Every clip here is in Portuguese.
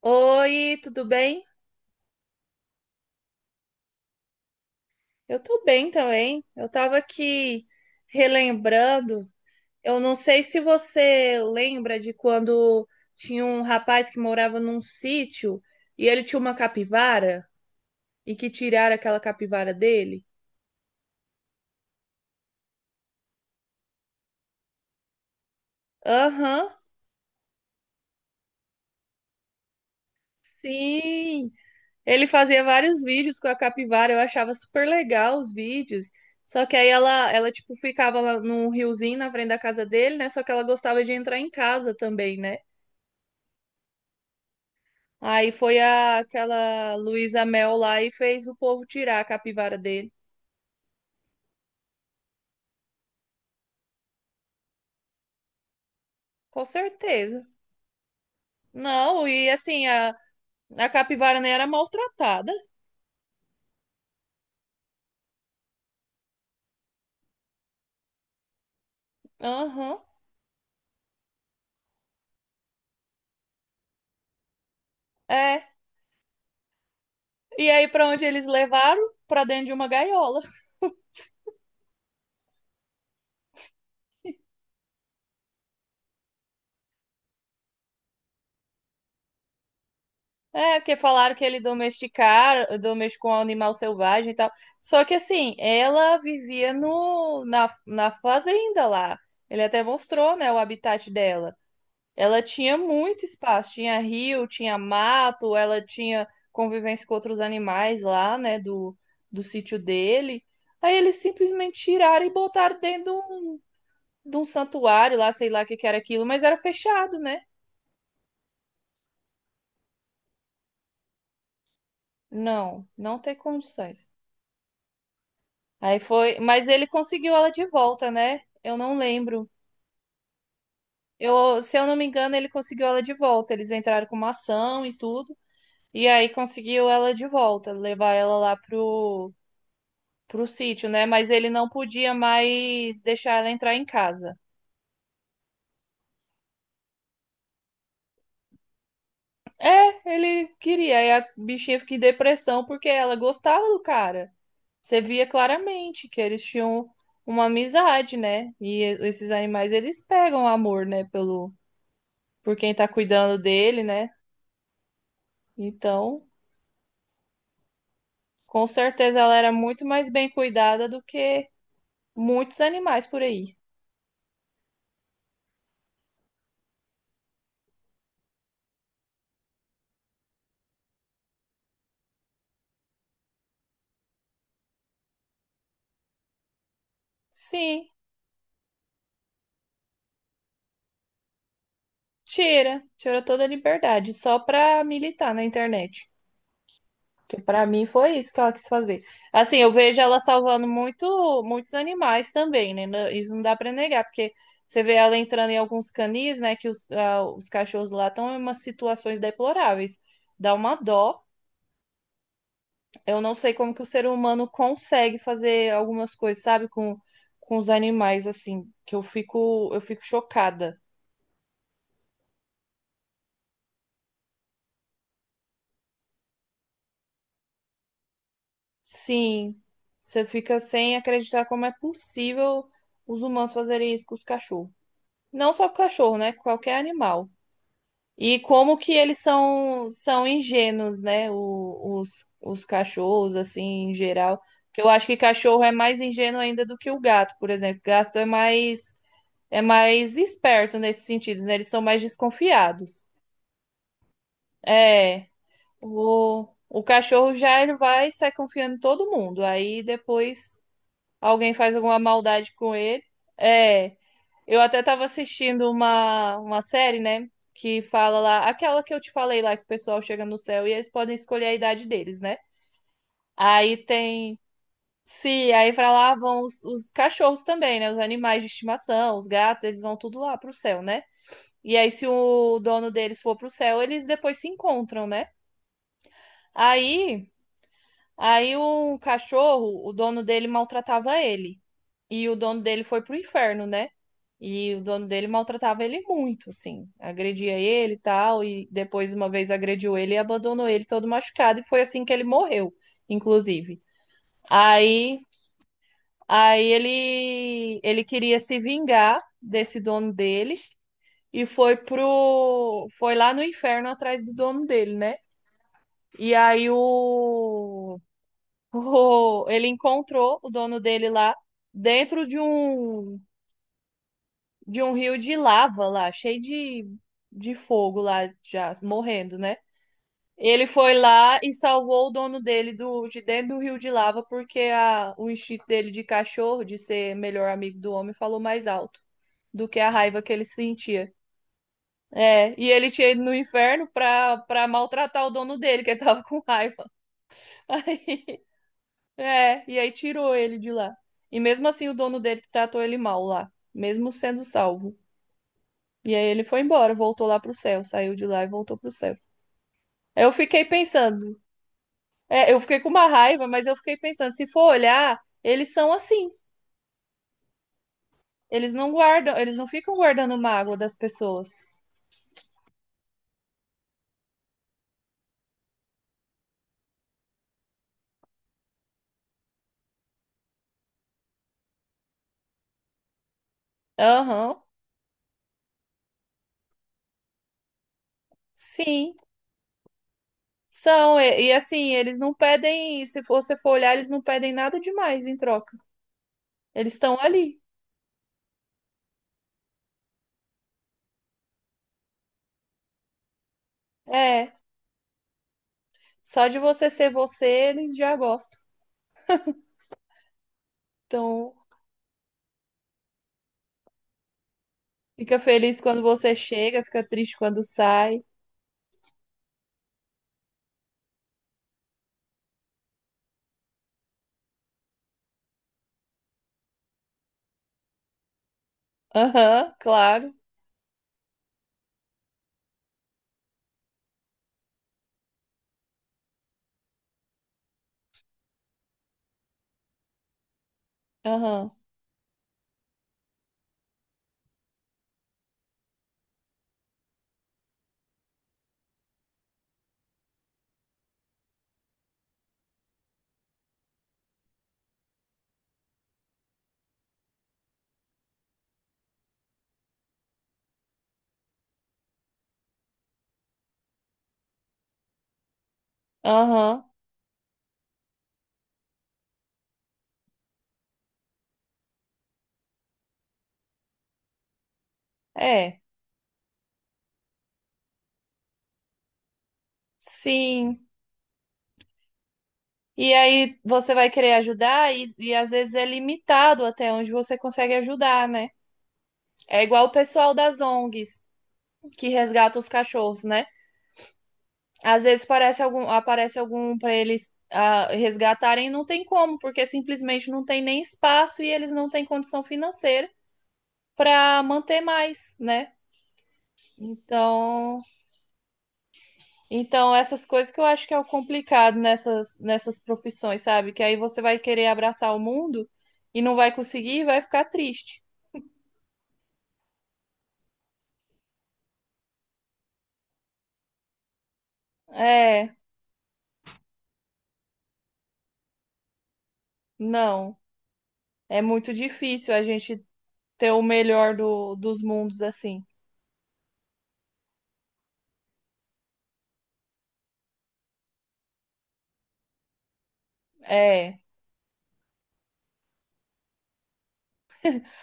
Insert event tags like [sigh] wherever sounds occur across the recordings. Oi, tudo bem? Eu tô bem também. Eu tava aqui relembrando. Eu não sei se você lembra de quando tinha um rapaz que morava num sítio e ele tinha uma capivara e que tiraram aquela capivara dele. Aham, sim. Ele fazia vários vídeos com a capivara. Eu achava super legal os vídeos. Só que aí ela tipo, ficava lá num riozinho na frente da casa dele, né? Só que ela gostava de entrar em casa também, né? Aí foi aquela Luísa Mel lá e fez o povo tirar a capivara dele. Com certeza. Não, e assim, a capivara nem era maltratada. Aham. É. E aí, pra onde eles levaram? Pra dentro de uma gaiola. É, porque falaram que ele domesticou um animal selvagem e tal. Só que assim, ela vivia no, na, na fazenda lá. Ele até mostrou, né, o habitat dela. Ela tinha muito espaço, tinha rio, tinha mato, ela tinha convivência com outros animais lá, né, do sítio dele. Aí eles simplesmente tiraram e botaram dentro de um santuário lá, sei lá o que que era aquilo, mas era fechado, né? Não, não tem condições. Aí foi, mas ele conseguiu ela de volta, né? Eu não lembro. Se eu não me engano, ele conseguiu ela de volta. Eles entraram com uma ação e tudo. E aí conseguiu ela de volta, levar ela lá pro sítio, né? Mas ele não podia mais deixar ela entrar em casa. É, ele queria. Aí a bichinha fica em depressão porque ela gostava do cara. Você via claramente que eles tinham uma amizade, né? E esses animais eles pegam amor, né, pelo por quem tá cuidando dele, né? Então, com certeza ela era muito mais bem cuidada do que muitos animais por aí. Sim, tira toda a liberdade só pra militar na internet. Que pra mim foi isso que ela quis fazer. Assim, eu vejo ela salvando muitos animais também, né? Isso não dá pra negar, porque você vê ela entrando em alguns canis, né? Que os cachorros lá estão em umas situações deploráveis. Dá uma dó. Eu não sei como que o ser humano consegue fazer algumas coisas, sabe? Com os animais, assim, que eu fico chocada. Sim, você fica sem acreditar como é possível os humanos fazerem isso com os cachorros. Não só cachorro, né? Qualquer animal. E como que eles são ingênuos, né? Os cachorros, assim, em geral. Porque eu acho que cachorro é mais ingênuo ainda do que o gato, por exemplo. Gato é mais esperto nesse sentido, né? Eles são mais desconfiados. É, o cachorro já ele vai e sai confiando em todo mundo. Aí depois alguém faz alguma maldade com ele. É. Eu até tava assistindo uma série, né? Que fala lá, aquela que eu te falei lá, que o pessoal chega no céu e eles podem escolher a idade deles, né? Aí tem. Se aí pra lá vão os cachorros também, né? Os animais de estimação, os gatos, eles vão tudo lá pro céu, né? E aí, se o dono deles for pro céu, eles depois se encontram, né? Aí. Aí um cachorro, o dono dele maltratava ele. E o dono dele foi pro inferno, né? E o dono dele maltratava ele muito, assim. Agredia ele e tal. E depois, uma vez, agrediu ele e abandonou ele todo machucado. E foi assim que ele morreu, inclusive. Aí, aí ele queria se vingar desse dono dele. E foi foi lá no inferno atrás do dono dele, né? E aí o Ele encontrou o dono dele lá dentro de um rio de lava lá, cheio de fogo lá, já morrendo, né? Ele foi lá e salvou o dono dele de dentro do rio de lava, porque o instinto dele de cachorro, de ser melhor amigo do homem, falou mais alto do que a raiva que ele sentia. É, e ele tinha ido no inferno pra maltratar o dono dele, que ele tava com raiva. [laughs] Aí É, e aí tirou ele de lá. E mesmo assim o dono dele tratou ele mal lá, mesmo sendo salvo. E aí ele foi embora, voltou lá pro céu, saiu de lá e voltou pro céu. Eu fiquei pensando, eu fiquei com uma raiva, mas eu fiquei pensando, se for olhar, eles são assim. Eles não guardam, eles não ficam guardando mágoa das pessoas. Aham. Sim, são. E assim, eles não pedem, se for você for olhar, eles não pedem nada demais em troca. Eles estão ali. É, só de você ser você, eles já gostam. Então, fica feliz quando você chega, fica triste quando sai. Aham, claro. Aham, aham. É, sim. E aí você vai querer ajudar e às vezes é limitado até onde você consegue ajudar, né? É igual o pessoal das ONGs que resgata os cachorros, né? Às vezes aparece algum para eles resgatarem, e não tem como, porque simplesmente não tem nem espaço e eles não têm condição financeira para manter mais, né? Então, Então, essas coisas que eu acho que é o complicado nessas profissões, sabe? Que aí você vai querer abraçar o mundo e não vai conseguir e vai ficar triste. É, não. É muito difícil a gente ter o melhor dos mundos assim. É.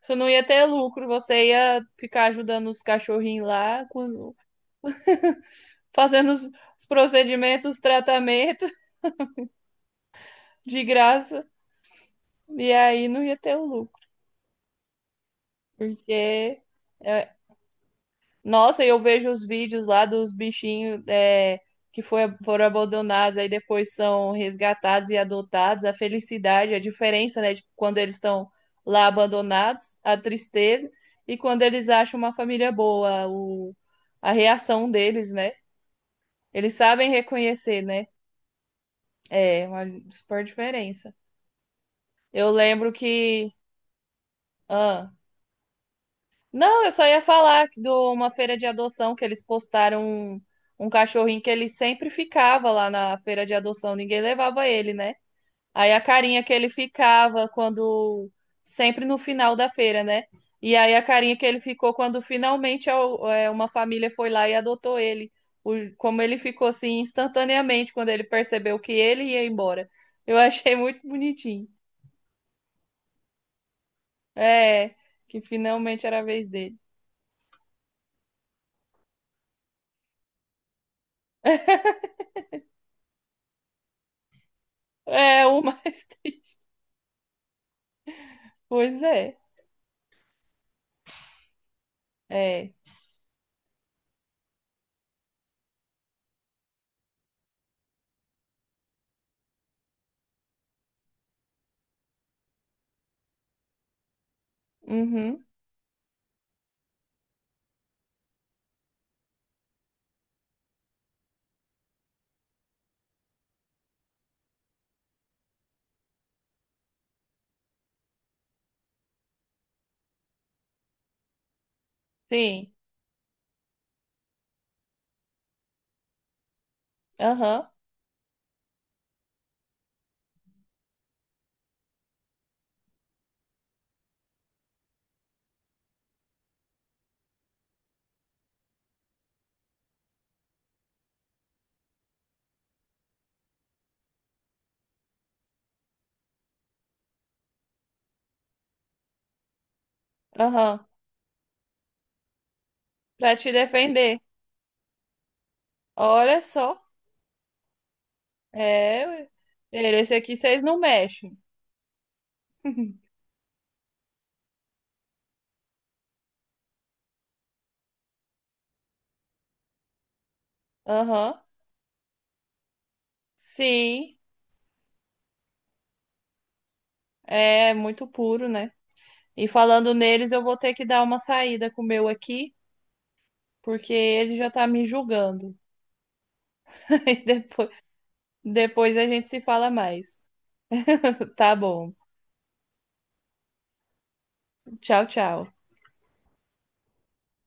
Você não ia ter lucro, você ia ficar ajudando os cachorrinhos lá, fazendo os procedimentos, os tratamentos [laughs] de graça, e aí não ia ter o lucro, porque. é, Nossa, e eu vejo os vídeos lá dos bichinhos que foram abandonados, aí depois são resgatados e adotados. A felicidade, a diferença, né, de quando eles estão lá abandonados, a tristeza, e quando eles acham uma família boa, a reação deles, né? Eles sabem reconhecer, né? É uma super diferença. Eu lembro que. Ah, Não, eu só ia falar que de uma feira de adoção que eles postaram um cachorrinho que ele sempre ficava lá na feira de adoção, ninguém levava ele, né? Aí a carinha que ele ficava quando sempre no final da feira, né? E aí a carinha que ele ficou quando finalmente uma família foi lá e adotou ele. Como ele ficou assim instantaneamente quando ele percebeu que ele ia embora. Eu achei muito bonitinho. É, que finalmente era a vez dele. É, o mais. [laughs] Pois é. É. Uhum. Sim. Aham. Aham. Pra te defender. Olha só. É. Ué. Esse aqui vocês não mexem. Aham. Sim. É muito puro, né? E falando neles, eu vou ter que dar uma saída com o meu aqui, porque ele já tá me julgando. [laughs] E depois a gente se fala mais. Tá bom. Tchau, tchau.